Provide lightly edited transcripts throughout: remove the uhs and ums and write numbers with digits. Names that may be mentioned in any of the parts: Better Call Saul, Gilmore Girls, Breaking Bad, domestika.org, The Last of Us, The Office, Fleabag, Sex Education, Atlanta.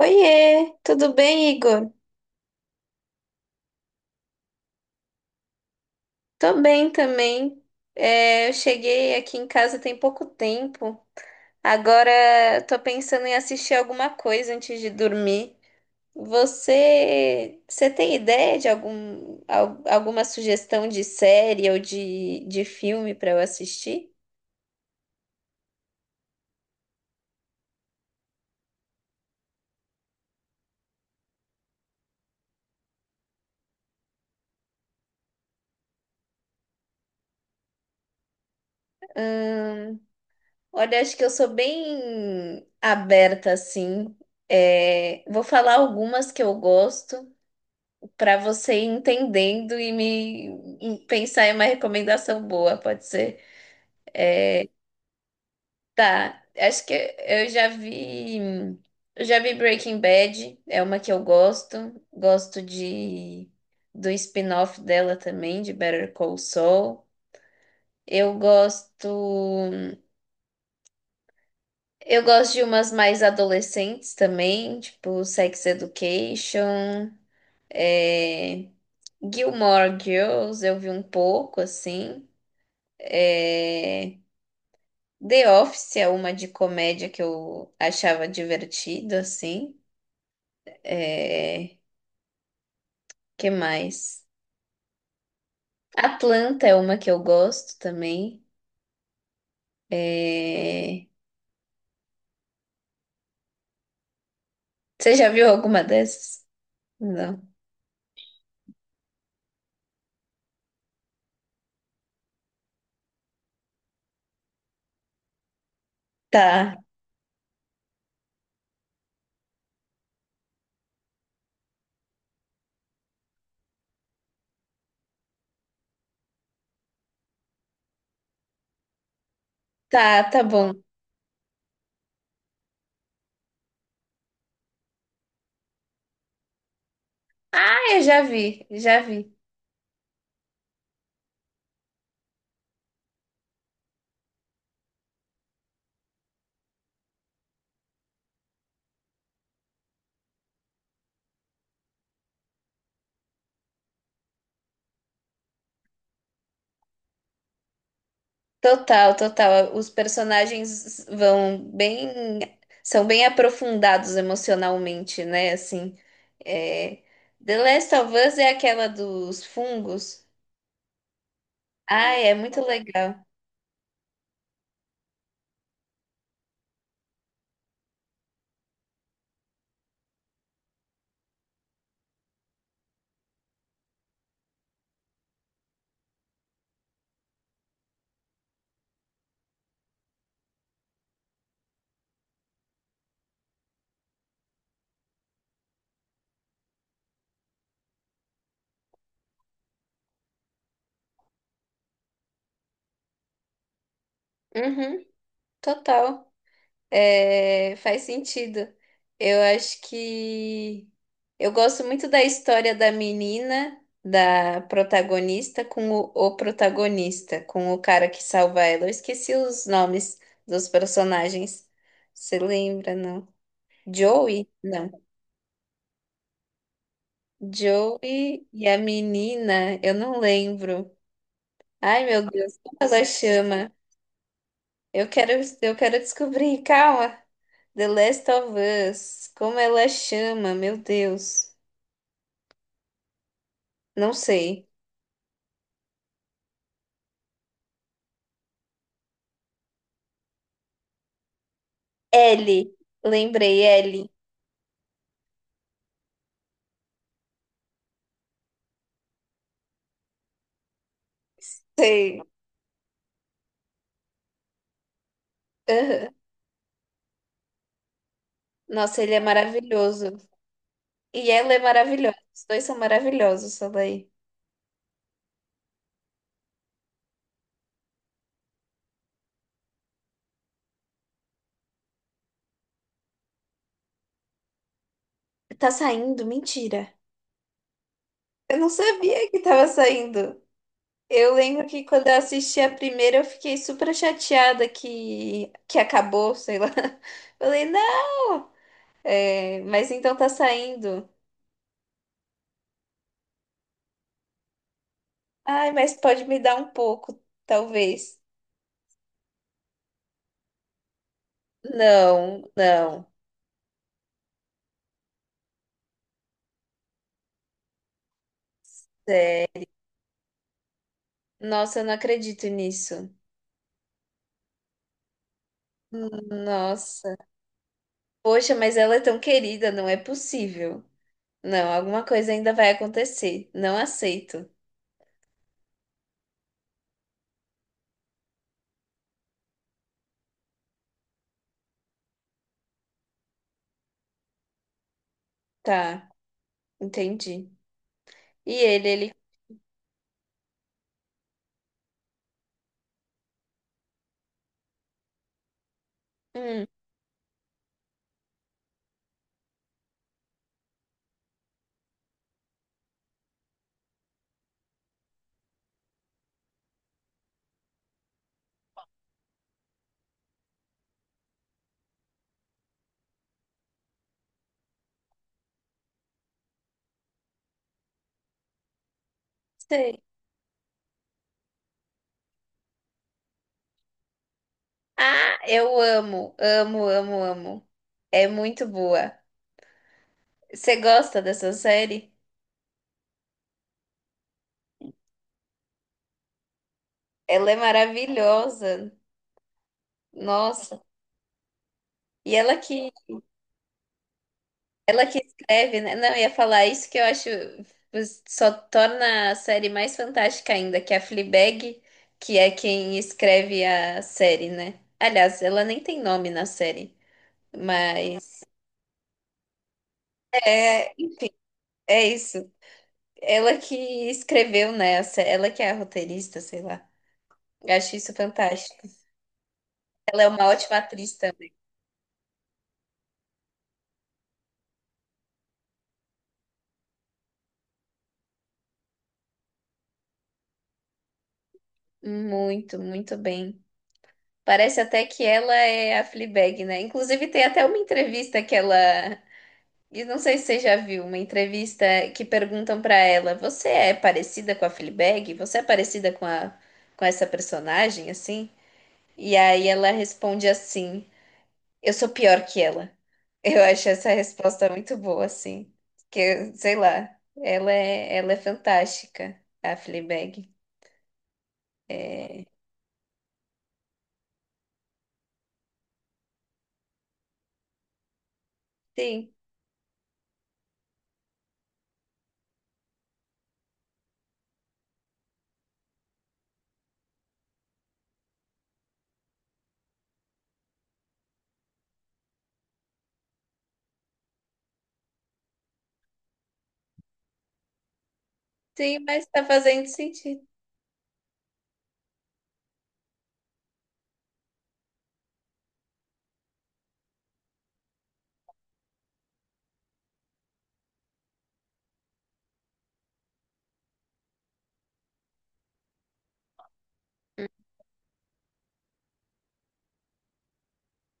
Oiê, tudo bem, Igor? Tô bem também. É, eu cheguei aqui em casa tem pouco tempo. Agora tô pensando em assistir alguma coisa antes de dormir. Você tem ideia de alguma sugestão de série ou de filme para eu assistir? Olha, acho que eu sou bem aberta assim. É, vou falar algumas que eu gosto, para você ir entendendo e me e pensar em uma recomendação boa, pode ser? Tá, acho que eu já vi, eu já vi Breaking Bad, é uma que eu gosto, gosto de do spin-off dela também, de Better Call Saul. Eu gosto, eu gosto de umas mais adolescentes também, tipo Sex Education, é, Gilmore Girls, eu vi um pouco assim. É, The Office é uma de comédia que eu achava divertido, assim. É... Que mais? Atlanta é uma que eu gosto também. É... Você já viu alguma dessas? Não. Tá, tá, tá bom. Ah, eu já vi, já vi. Total, total. Os personagens vão bem, são bem aprofundados emocionalmente, né? Assim, é... The Last of Us é aquela dos fungos. Ah, é muito legal. Uhum, total. É, faz sentido. Eu acho que eu gosto muito da história da menina, da protagonista, com o protagonista, com o cara que salva ela. Eu esqueci os nomes dos personagens. Você lembra, não? Joey? Não. Joey e a menina, eu não lembro. Ai, meu Deus, como ela chama? Eu quero, eu quero descobrir, calma. The Last of Us. Como ela chama? Meu Deus. Não sei. Ellie. Lembrei, Ellie. Sei. Aham. Nossa, ele é maravilhoso. E ela é maravilhosa. Os dois são maravilhosos, daí. Tá saindo? Mentira. Eu não sabia que tava saindo. Eu lembro que quando eu assisti a primeira, eu fiquei super chateada que acabou, sei lá. Falei, não! É, mas então tá saindo. Ai, mas pode me dar um pouco, talvez. Não, não. É, nossa, eu não acredito nisso. Hum, Nossa. Poxa, mas ela é tão querida, não é possível. Não, alguma coisa ainda vai acontecer. Não aceito. Tá, entendi. E ele, ele. Hum, sei. Ah, eu amo, amo, amo, amo. É muito boa. Você gosta dessa série? Ela é maravilhosa. Nossa. E ela que Ela que escreve, né? Não, eu ia falar isso que eu acho só torna a série mais fantástica ainda, que é a Fleabag, que é quem escreve a série, né? Aliás, ela nem tem nome na série, mas é, é isso. Ela que escreveu, né? Ela que é a roteirista, sei lá. Eu acho isso fantástico. Ela é uma ótima atriz também. Muito, muito bem. Parece até que ela é a Fleabag, né? Inclusive tem até uma entrevista que ela E não sei se você já viu uma entrevista que perguntam pra ela: "Você é parecida com a Fleabag? Você é parecida com a com essa personagem assim?" E aí ela responde assim: "Eu sou pior que ela." Eu acho essa resposta muito boa assim, que sei lá, ela é fantástica, a Fleabag. Sim, sim, mas tá fazendo sentido.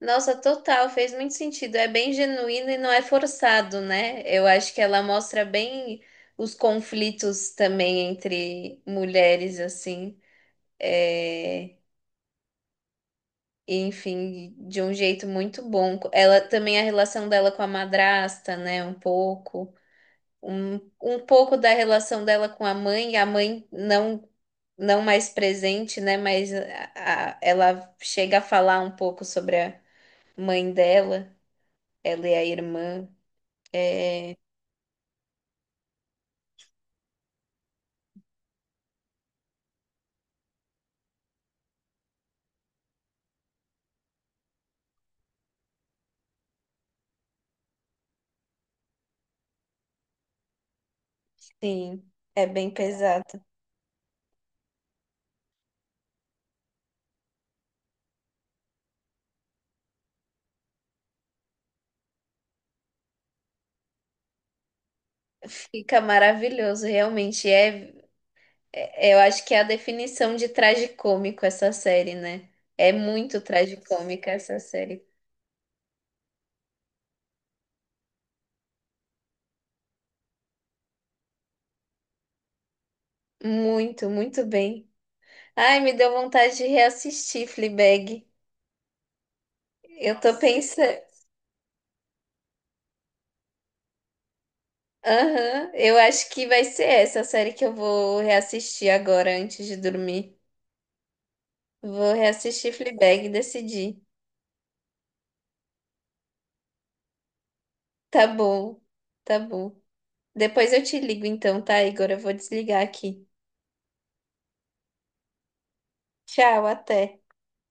Nossa, total, fez muito sentido. É bem genuíno e não é forçado, né? Eu acho que ela mostra bem os conflitos também entre mulheres, assim. É... Enfim, de um jeito muito bom. Ela também a relação dela com a madrasta, né? Um pouco. Um, um pouco da relação dela com a mãe, não mais presente, né? Mas ela chega a falar um pouco sobre a mãe dela, ela e a irmã. É, sim, é bem pesado. Fica maravilhoso, realmente. É, eu acho que é a definição de tragicômico essa série, né? É muito tragicômica essa série. Muito, muito bem. Ai, me deu vontade de reassistir Fleabag. Eu tô pensando. Aham, eu acho que vai ser essa a série que eu vou reassistir agora antes de dormir. Vou reassistir Fleabag e decidir. Tá bom, tá bom. Depois eu te ligo então, tá, Igor? Eu vou desligar aqui. Tchau, até.